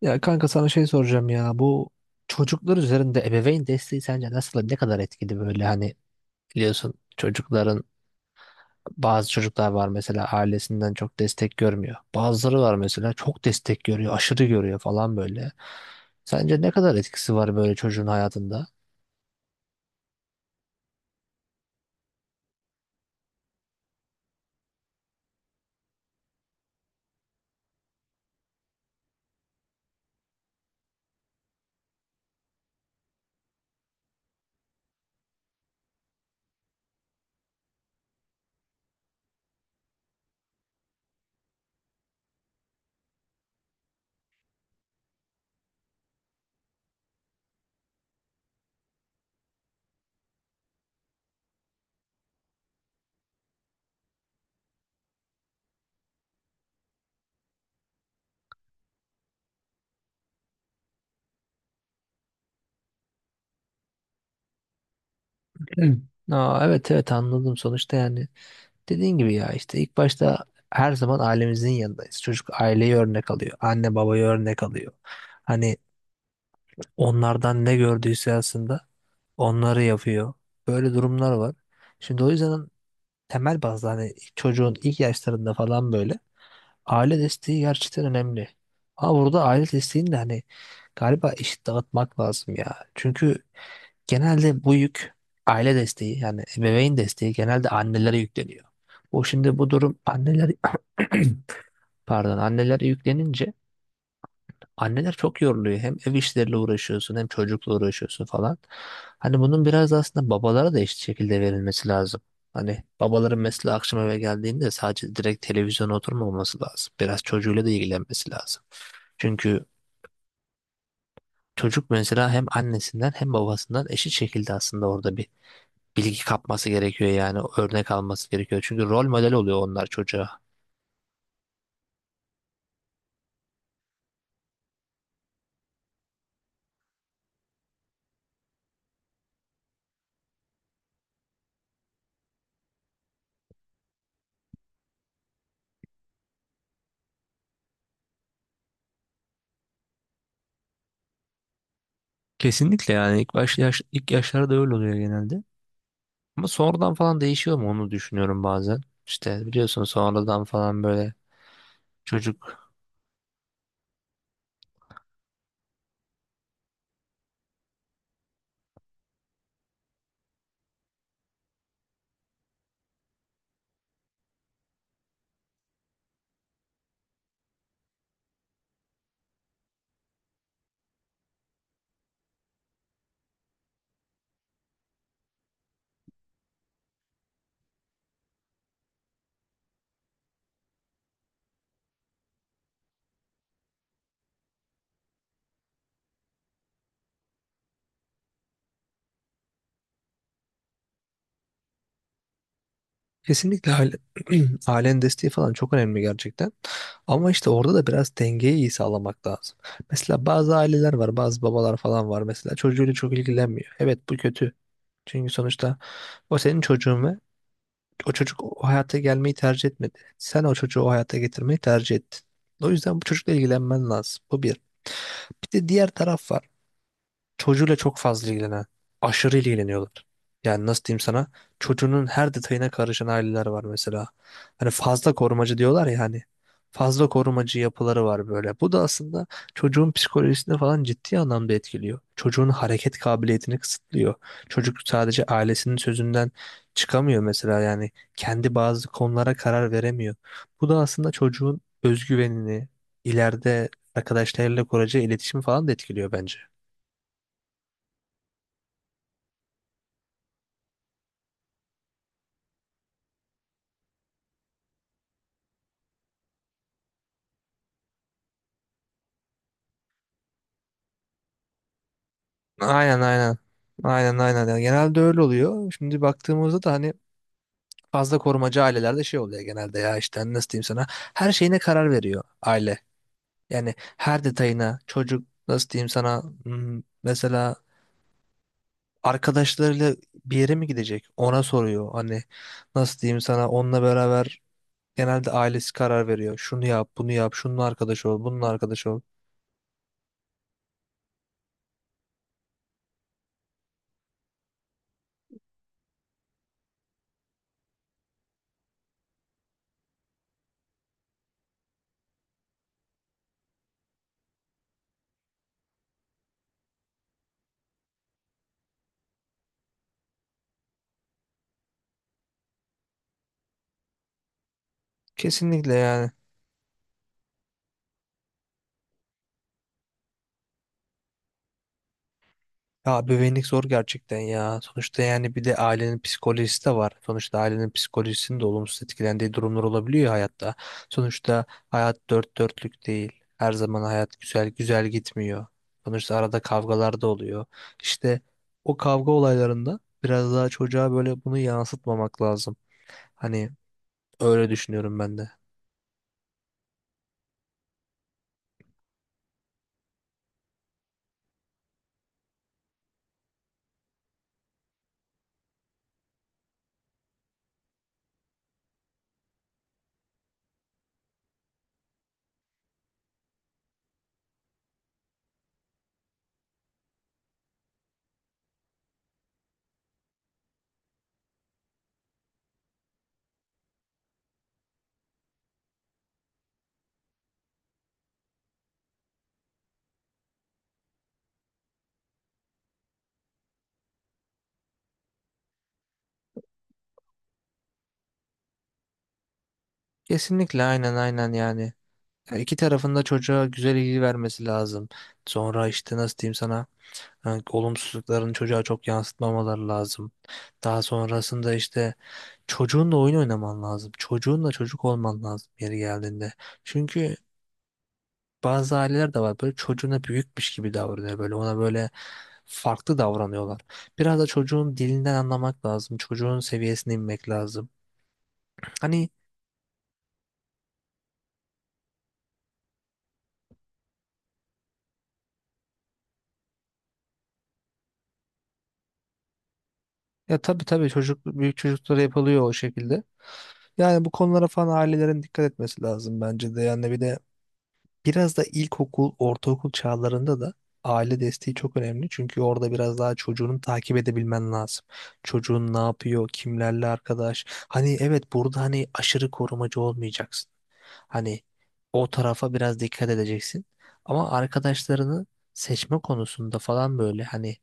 Ya kanka sana şey soracağım ya, bu çocuklar üzerinde ebeveyn desteği sence nasıl, ne kadar etkili böyle hani biliyorsun bazı çocuklar var mesela, ailesinden çok destek görmüyor. Bazıları var mesela çok destek görüyor, aşırı görüyor falan böyle. Sence ne kadar etkisi var böyle çocuğun hayatında? Evet. Evet, evet, anladım. Sonuçta yani dediğin gibi, ya işte ilk başta her zaman ailemizin yanındayız. Çocuk aileyi örnek alıyor, anne babayı örnek alıyor. Hani onlardan ne gördüyse aslında onları yapıyor. Böyle durumlar var. Şimdi o yüzden temel bazda hani çocuğun ilk yaşlarında falan böyle aile desteği gerçekten önemli. Ama burada aile desteğini de hani galiba eşit dağıtmak lazım ya. Çünkü genelde bu yük, aile desteği yani ebeveyn desteği genelde annelere yükleniyor. O şimdi bu durum anneler pardon, annelere yüklenince anneler çok yoruluyor. Hem ev işleriyle uğraşıyorsun, hem çocukla uğraşıyorsun falan. Hani bunun biraz da aslında babalara da eşit şekilde verilmesi lazım. Hani babaların mesela akşam eve geldiğinde sadece direkt televizyona oturmaması lazım. Biraz çocuğuyla da ilgilenmesi lazım. Çünkü çocuk mesela hem annesinden hem babasından eşit şekilde aslında orada bir bilgi kapması gerekiyor, yani örnek alması gerekiyor. Çünkü rol model oluyor onlar çocuğa. Kesinlikle. Yani ilk ilk yaşlarda öyle oluyor genelde. Ama sonradan falan değişiyor mu onu düşünüyorum bazen. İşte biliyorsun sonradan falan böyle çocuk. Kesinlikle aile, ailenin desteği falan çok önemli gerçekten. Ama işte orada da biraz dengeyi iyi sağlamak lazım. Mesela bazı aileler var, bazı babalar falan var mesela çocuğuyla çok ilgilenmiyor. Evet, bu kötü. Çünkü sonuçta o senin çocuğun ve o çocuk o hayata gelmeyi tercih etmedi. Sen o çocuğu o hayata getirmeyi tercih ettin. O yüzden bu çocukla ilgilenmen lazım. Bu bir. Bir de diğer taraf var. Çocuğuyla çok fazla ilgilenen, aşırı ilgileniyorlar. Yani nasıl diyeyim sana? Çocuğunun her detayına karışan aileler var mesela. Hani fazla korumacı diyorlar ya hani. Fazla korumacı yapıları var böyle. Bu da aslında çocuğun psikolojisini falan ciddi anlamda etkiliyor. Çocuğun hareket kabiliyetini kısıtlıyor. Çocuk sadece ailesinin sözünden çıkamıyor mesela yani. Kendi bazı konulara karar veremiyor. Bu da aslında çocuğun özgüvenini, ileride arkadaşlarıyla kuracağı iletişimi falan da etkiliyor bence. Aynen, aynen. Aynen, aynen. Yani genelde öyle oluyor. Şimdi baktığımızda da hani fazla korumacı ailelerde şey oluyor genelde, ya işte hani nasıl diyeyim sana, her şeyine karar veriyor aile. Yani her detayına, çocuk nasıl diyeyim sana, mesela arkadaşlarıyla bir yere mi gidecek, ona soruyor. Hani nasıl diyeyim sana, onunla beraber genelde ailesi karar veriyor. Şunu yap, bunu yap, şununla arkadaş ol, bununla arkadaş ol. Kesinlikle yani. Ya bebeğinlik zor gerçekten ya. Sonuçta yani bir de ailenin psikolojisi de var. Sonuçta ailenin psikolojisinin de olumsuz etkilendiği durumlar olabiliyor ya hayatta. Sonuçta hayat dört dörtlük değil. Her zaman hayat güzel güzel gitmiyor. Sonuçta arada kavgalar da oluyor. İşte o kavga olaylarında biraz daha çocuğa böyle bunu yansıtmamak lazım. Hani öyle düşünüyorum ben de. Kesinlikle aynen aynen yani. Ya İki tarafında çocuğa güzel ilgi vermesi lazım. Sonra işte nasıl diyeyim sana? Yani olumsuzluklarını çocuğa çok yansıtmamaları lazım. Daha sonrasında işte çocuğunla oyun oynaman lazım. Çocuğunla çocuk olman lazım yeri geldiğinde. Çünkü bazı aileler de var böyle çocuğuna büyükmüş gibi davranıyor, böyle ona böyle farklı davranıyorlar. Biraz da çocuğun dilinden anlamak lazım. Çocuğun seviyesine inmek lazım. Hani, ya tabii tabii, büyük çocuklara yapılıyor o şekilde. Yani bu konulara falan ailelerin dikkat etmesi lazım bence de. Yani bir de biraz da ilkokul, ortaokul çağlarında da aile desteği çok önemli. Çünkü orada biraz daha çocuğunu takip edebilmen lazım. Çocuğun ne yapıyor, kimlerle arkadaş. Hani evet, burada hani aşırı korumacı olmayacaksın. Hani o tarafa biraz dikkat edeceksin. Ama arkadaşlarını seçme konusunda falan böyle hani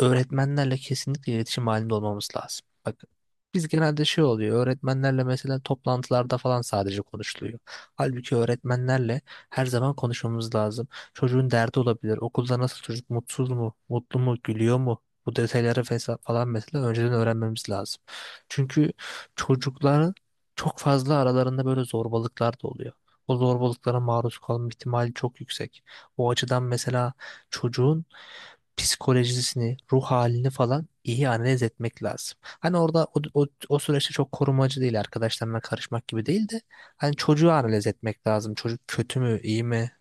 öğretmenlerle kesinlikle iletişim halinde olmamız lazım. Bak, biz genelde şey oluyor, öğretmenlerle mesela toplantılarda falan sadece konuşuluyor. Halbuki öğretmenlerle her zaman konuşmamız lazım. Çocuğun derdi olabilir. Okulda nasıl, çocuk mutsuz mu, mutlu mu, gülüyor mu? Bu detayları falan mesela önceden öğrenmemiz lazım. Çünkü çocukların çok fazla aralarında böyle zorbalıklar da oluyor. O zorbalıklara maruz kalma ihtimali çok yüksek. O açıdan mesela çocuğun psikolojisini, ruh halini falan iyi analiz etmek lazım. Hani orada o süreçte çok korumacı değil, arkadaşlarına karışmak gibi değil de hani çocuğu analiz etmek lazım. Çocuk kötü mü, iyi mi?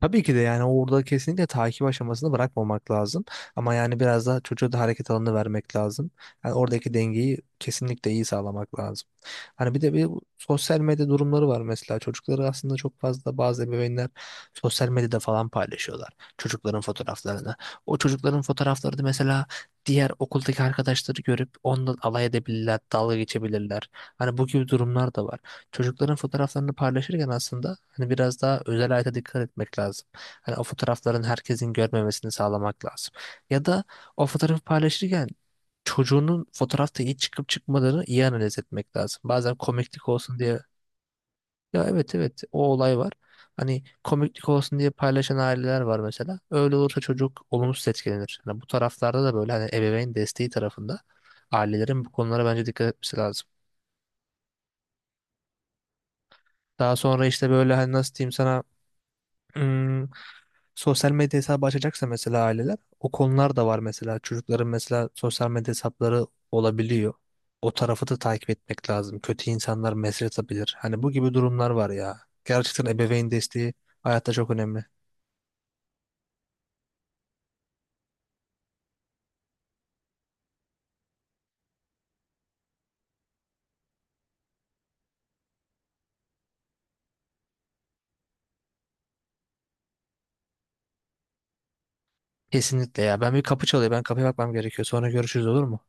Tabii ki de yani orada kesinlikle takip aşamasını bırakmamak lazım. Ama yani biraz daha çocuğa da hareket alanı vermek lazım. Yani oradaki dengeyi kesinlikle iyi sağlamak lazım. Hani bir de sosyal medya durumları var mesela. Çocukları aslında çok fazla bazı ebeveynler sosyal medyada falan paylaşıyorlar. Çocukların fotoğraflarını. O çocukların fotoğrafları da mesela diğer okuldaki arkadaşları görüp ondan alay edebilirler, dalga geçebilirler. Hani bu gibi durumlar da var, çocukların fotoğraflarını paylaşırken aslında hani biraz daha özel hayata dikkat etmek lazım. Hani o fotoğrafların herkesin görmemesini sağlamak lazım. Ya da o fotoğrafı paylaşırken çocuğunun fotoğrafta iyi çıkıp çıkmadığını iyi analiz etmek lazım. Bazen komiklik olsun diye, ya evet evet o olay var. Hani komiklik olsun diye paylaşan aileler var mesela. Öyle olursa çocuk olumsuz etkilenir. Hani bu taraflarda da böyle hani ebeveyn desteği tarafında ailelerin bu konulara bence dikkat etmesi lazım. Daha sonra işte böyle hani nasıl diyeyim sana, sosyal medya hesabı açacaksa mesela aileler, o konular da var mesela, çocukların mesela sosyal medya hesapları olabiliyor. O tarafı da takip etmek lazım. Kötü insanlar mesaj atabilir. Hani bu gibi durumlar var ya. Gerçekten ebeveyn desteği hayatta çok önemli. Kesinlikle ya. Ben, bir kapı çalıyor. Ben kapıya bakmam gerekiyor. Sonra görüşürüz, olur mu?